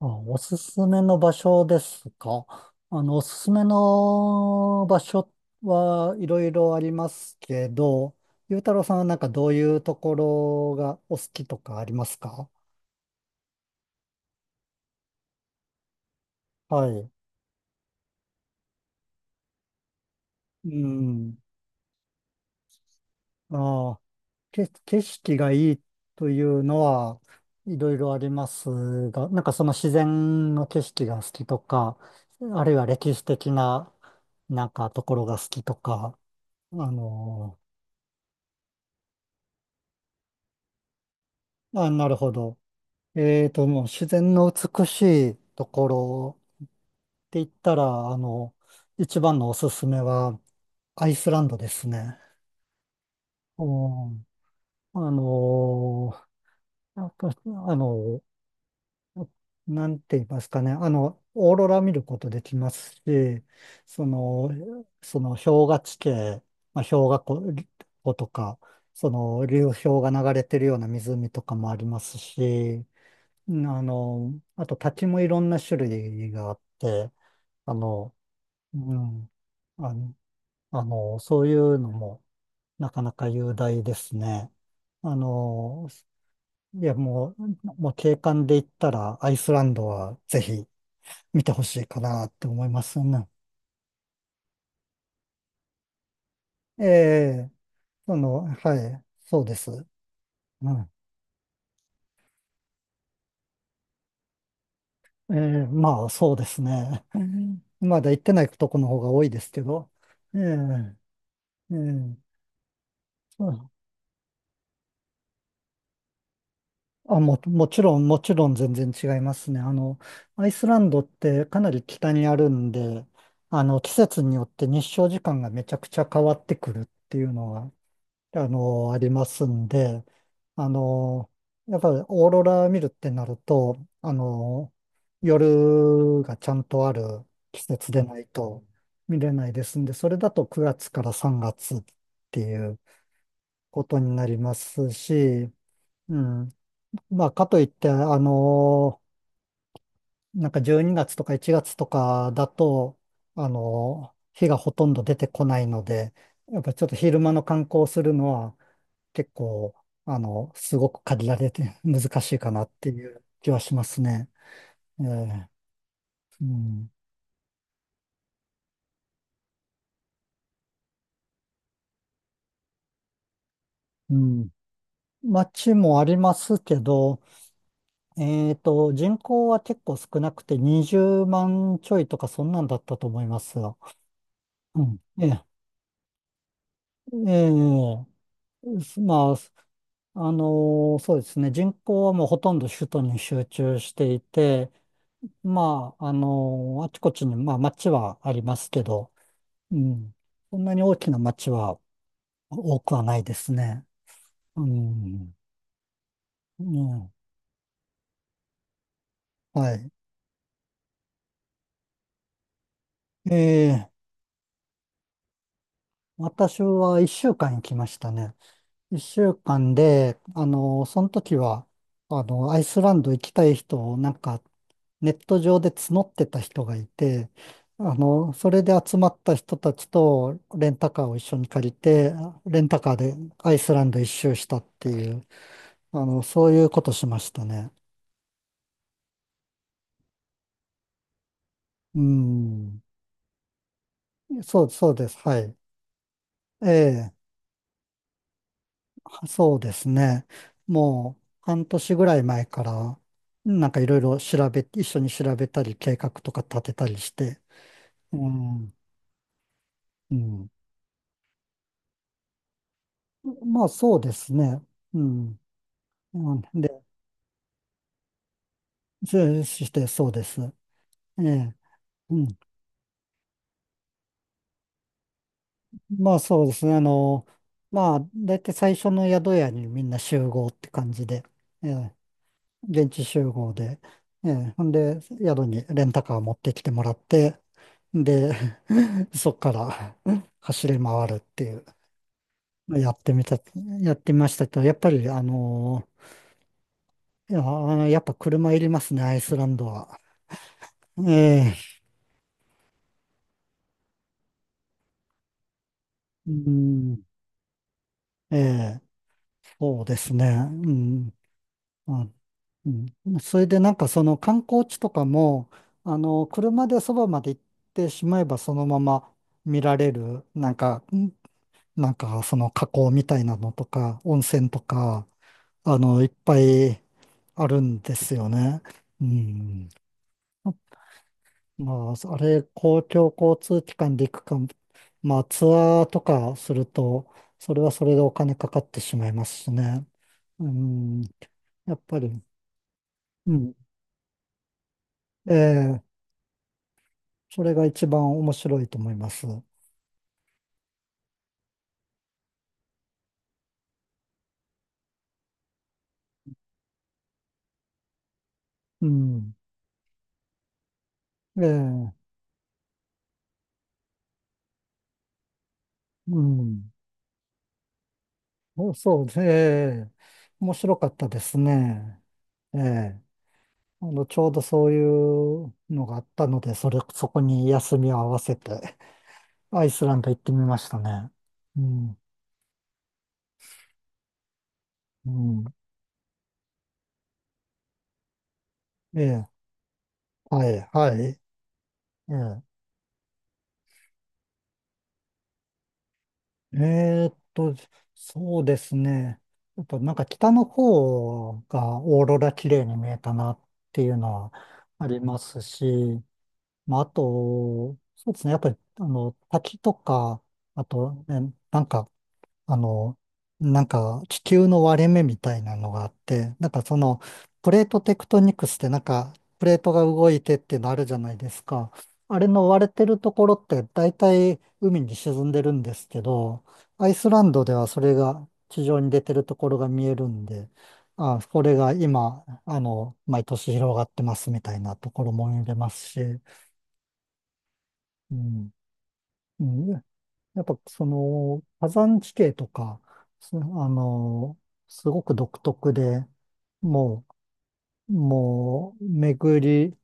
あ、おすすめの場所ですか。おすすめの場所はいろいろありますけど、ゆうたろうさんはなんかどういうところがお好きとかありますか？はい。うん。ああ、景色がいいというのはいろいろありますが、なんかその自然の景色が好きとか、あるいは歴史的ななんかところが好きとか、あの、あ、なるほど。もう自然の美しいところって言ったら、一番のおすすめはアイスランドですね。うん、あのやっぱあの、なんて言いますかね、オーロラ見ることできますし、その、その、氷河地形、まあ、氷河湖とか、その流氷が流れてるような湖とかもありますし、うんあと立ちもいろんな種類があって、あの、うん、あの、そういうのもなかなか雄大ですね。あの、いや、もう、景観で言ったらアイスランドはぜひ見てほしいかなって思いますね。ええ、はい、そうです。うん。ええ、まあ、そうですね。うんまだ行ってないとこの方が多いですけど。ええ、ええ。そうあ、もちろん全然違いますね。アイスランドってかなり北にあるんで、季節によって日照時間がめちゃくちゃ変わってくるっていうのは、ありますんで、あの、やっぱりオーロラ見るってなると、あの、夜がちゃんとある季節でないと見れないですんで、それだと9月から3月っていうことになりますし、うん。まあ、かといって、なんか12月とか1月とかだと、日がほとんど出てこないので、やっぱちょっと昼間の観光をするのは結構、すごく限られて 難しいかなっていう気はしますね。ええうん。うん。街もありますけど、人口は結構少なくて20万ちょいとかそんなんだったと思いますよ。うん。ええええまあ、そうですね。人口はもうほとんど首都に集中していて、まあ、あちこちに、まあ、町はありますけど、うん。そんなに大きな町は多くはないですね。うん。うん、はい。ええ私は一週間行きましたね。一週間で、その時は、アイスランド行きたい人をなんかネット上で募ってた人がいて、それで集まった人たちとレンタカーを一緒に借りて、レンタカーでアイスランド一周したっていう、そういうことしましたね。うん。そう、そうです。はい。ええ、そうですね。もう半年ぐらい前から、なんかいろいろ一緒に調べたり、計画とか立てたりして、うん、うん。まあそうですね。うん。うんでそうして、そうです。ええ。うん。まあそうですね。まあ、だいたい最初の宿屋にみんな集合って感じで、ええ、現地集合で、ええ、ほんで、宿にレンタカー持ってきてもらって、で、そっから 走り回るっていう、やってみた、やってみましたけど、やっぱり、いや、やっぱ車いりますね、アイスランドは。ええ、うん、ええ、そうですね。うんあ、うん。それでなんかその観光地とかも、車でそばまで行ってしまえばそのまま見られる、なんか、なんかその河口みたいなのとか、温泉とか、いっぱいあるんですよね。うん。まあ、あれ、公共交通機関で行くか、まあ、ツアーとかすると、それはそれでお金かかってしまいますしね。うん。やっぱり、うん。ええそれが一番面白いと思います。うん。ええ、うん。おそうですね。ええ面白かったですね。ええ。ちょうどそういうのがあったので、そこに休みを合わせて、アイスランド行ってみましたね。うん。うん。ええ。はい。はい。ええ。えーっと、そうですね。やっぱなんか北の方がオーロラ綺麗に見えたなっていうのはありますし、まあ、あと、そうですね。やっぱり、滝とか、あと、ね、なんか、あの、なんか、地球の割れ目みたいなのがあって、なんかその、プレートテクトニクスって、なんか、プレートが動いてっていうのあるじゃないですか。あれの割れてるところって、大体海に沈んでるんですけど、アイスランドではそれが地上に出てるところが見えるんで、あ、これが今、毎年広がってますみたいなところも見れますし、うんうん、ねやっぱその火山地形とか、そあの、すごく独特で、もう、もう、り、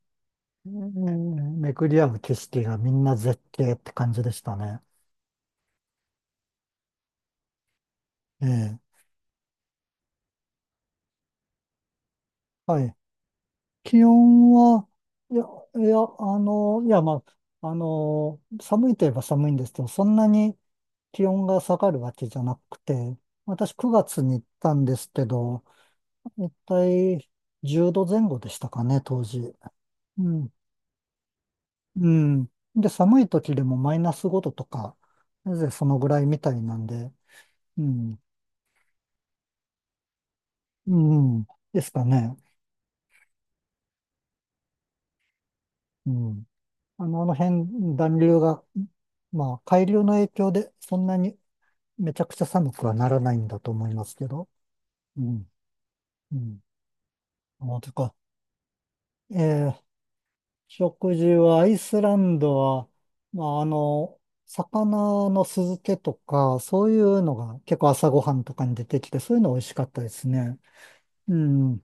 うん巡り合う景色がみんな絶景って感じでしたね。ええ。はい。気温は、いや、いや、いや、まあ、寒いといえば寒いんですけど、そんなに気温が下がるわけじゃなくて、私9月に行ったんですけど、一体10度前後でしたかね、当時。うん。うん。で、寒い時でもマイナス5度とか、なぜそのぐらいみたいなんで、うん。うん。ですかね。うん。あの辺、暖流が、まあ、海流の影響でそんなにめちゃくちゃ寒くはならないんだと思いますけど。うん。うん。あ、てか、えー食事は、アイスランドは、まあ、魚の酢漬けとか、そういうのが結構朝ごはんとかに出てきて、そういうの美味しかったですね。うん。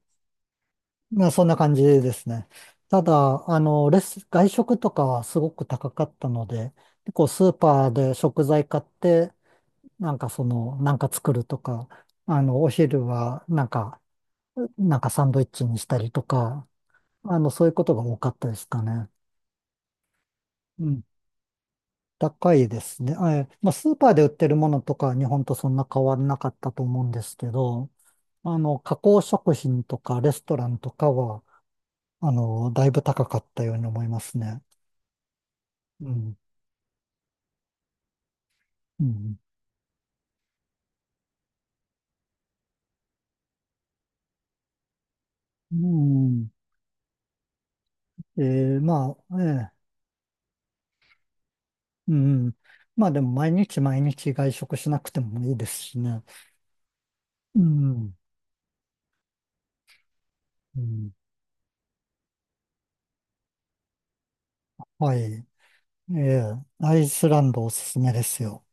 まあ、そんな感じですね。ただ、外食とかはすごく高かったので、結構スーパーで食材買って、なんかその、なんか作るとか、お昼はなんか、なんかサンドイッチにしたりとか、そういうことが多かったですかね。うん高いですね。あえまあ、スーパーで売ってるものとかは日本とそんな変わらなかったと思うんですけど、加工食品とかレストランとかは、だいぶ高かったように思いますね。うん。うん。うんえーまあ、ええうん。まあでも毎日毎日外食しなくてもいいですしね。うん。うん。はい。ええアイスランドおすすめですよ。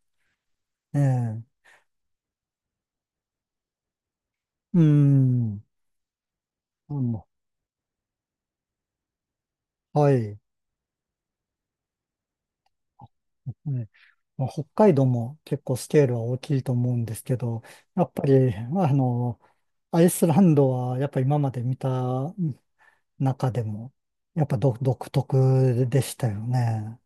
ええうん。あの、はい。ねまあ、北海道も結構スケールは大きいと思うんですけど、やっぱり、まあアイスランドはやっぱ今まで見た中でも、やっぱ独特でしたよね。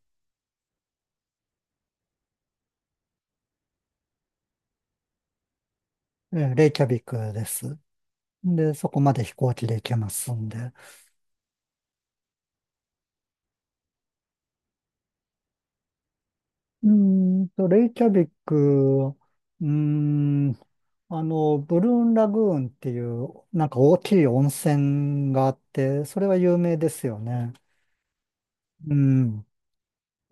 レイキャビクです。で、そこまで飛行機で行けますんで。うーレイキャビク、ーん、ブルーンラグーンっていう、なんか大きい温泉があって、それは有名ですよね。うん。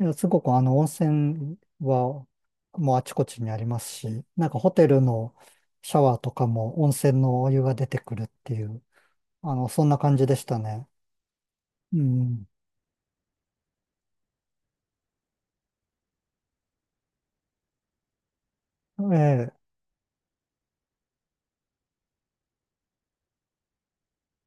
いや、すごく温泉はもうあちこちにありますし、なんかホテルのシャワーとかも温泉のお湯が出てくるっていう、そんな感じでしたね。うん。ええ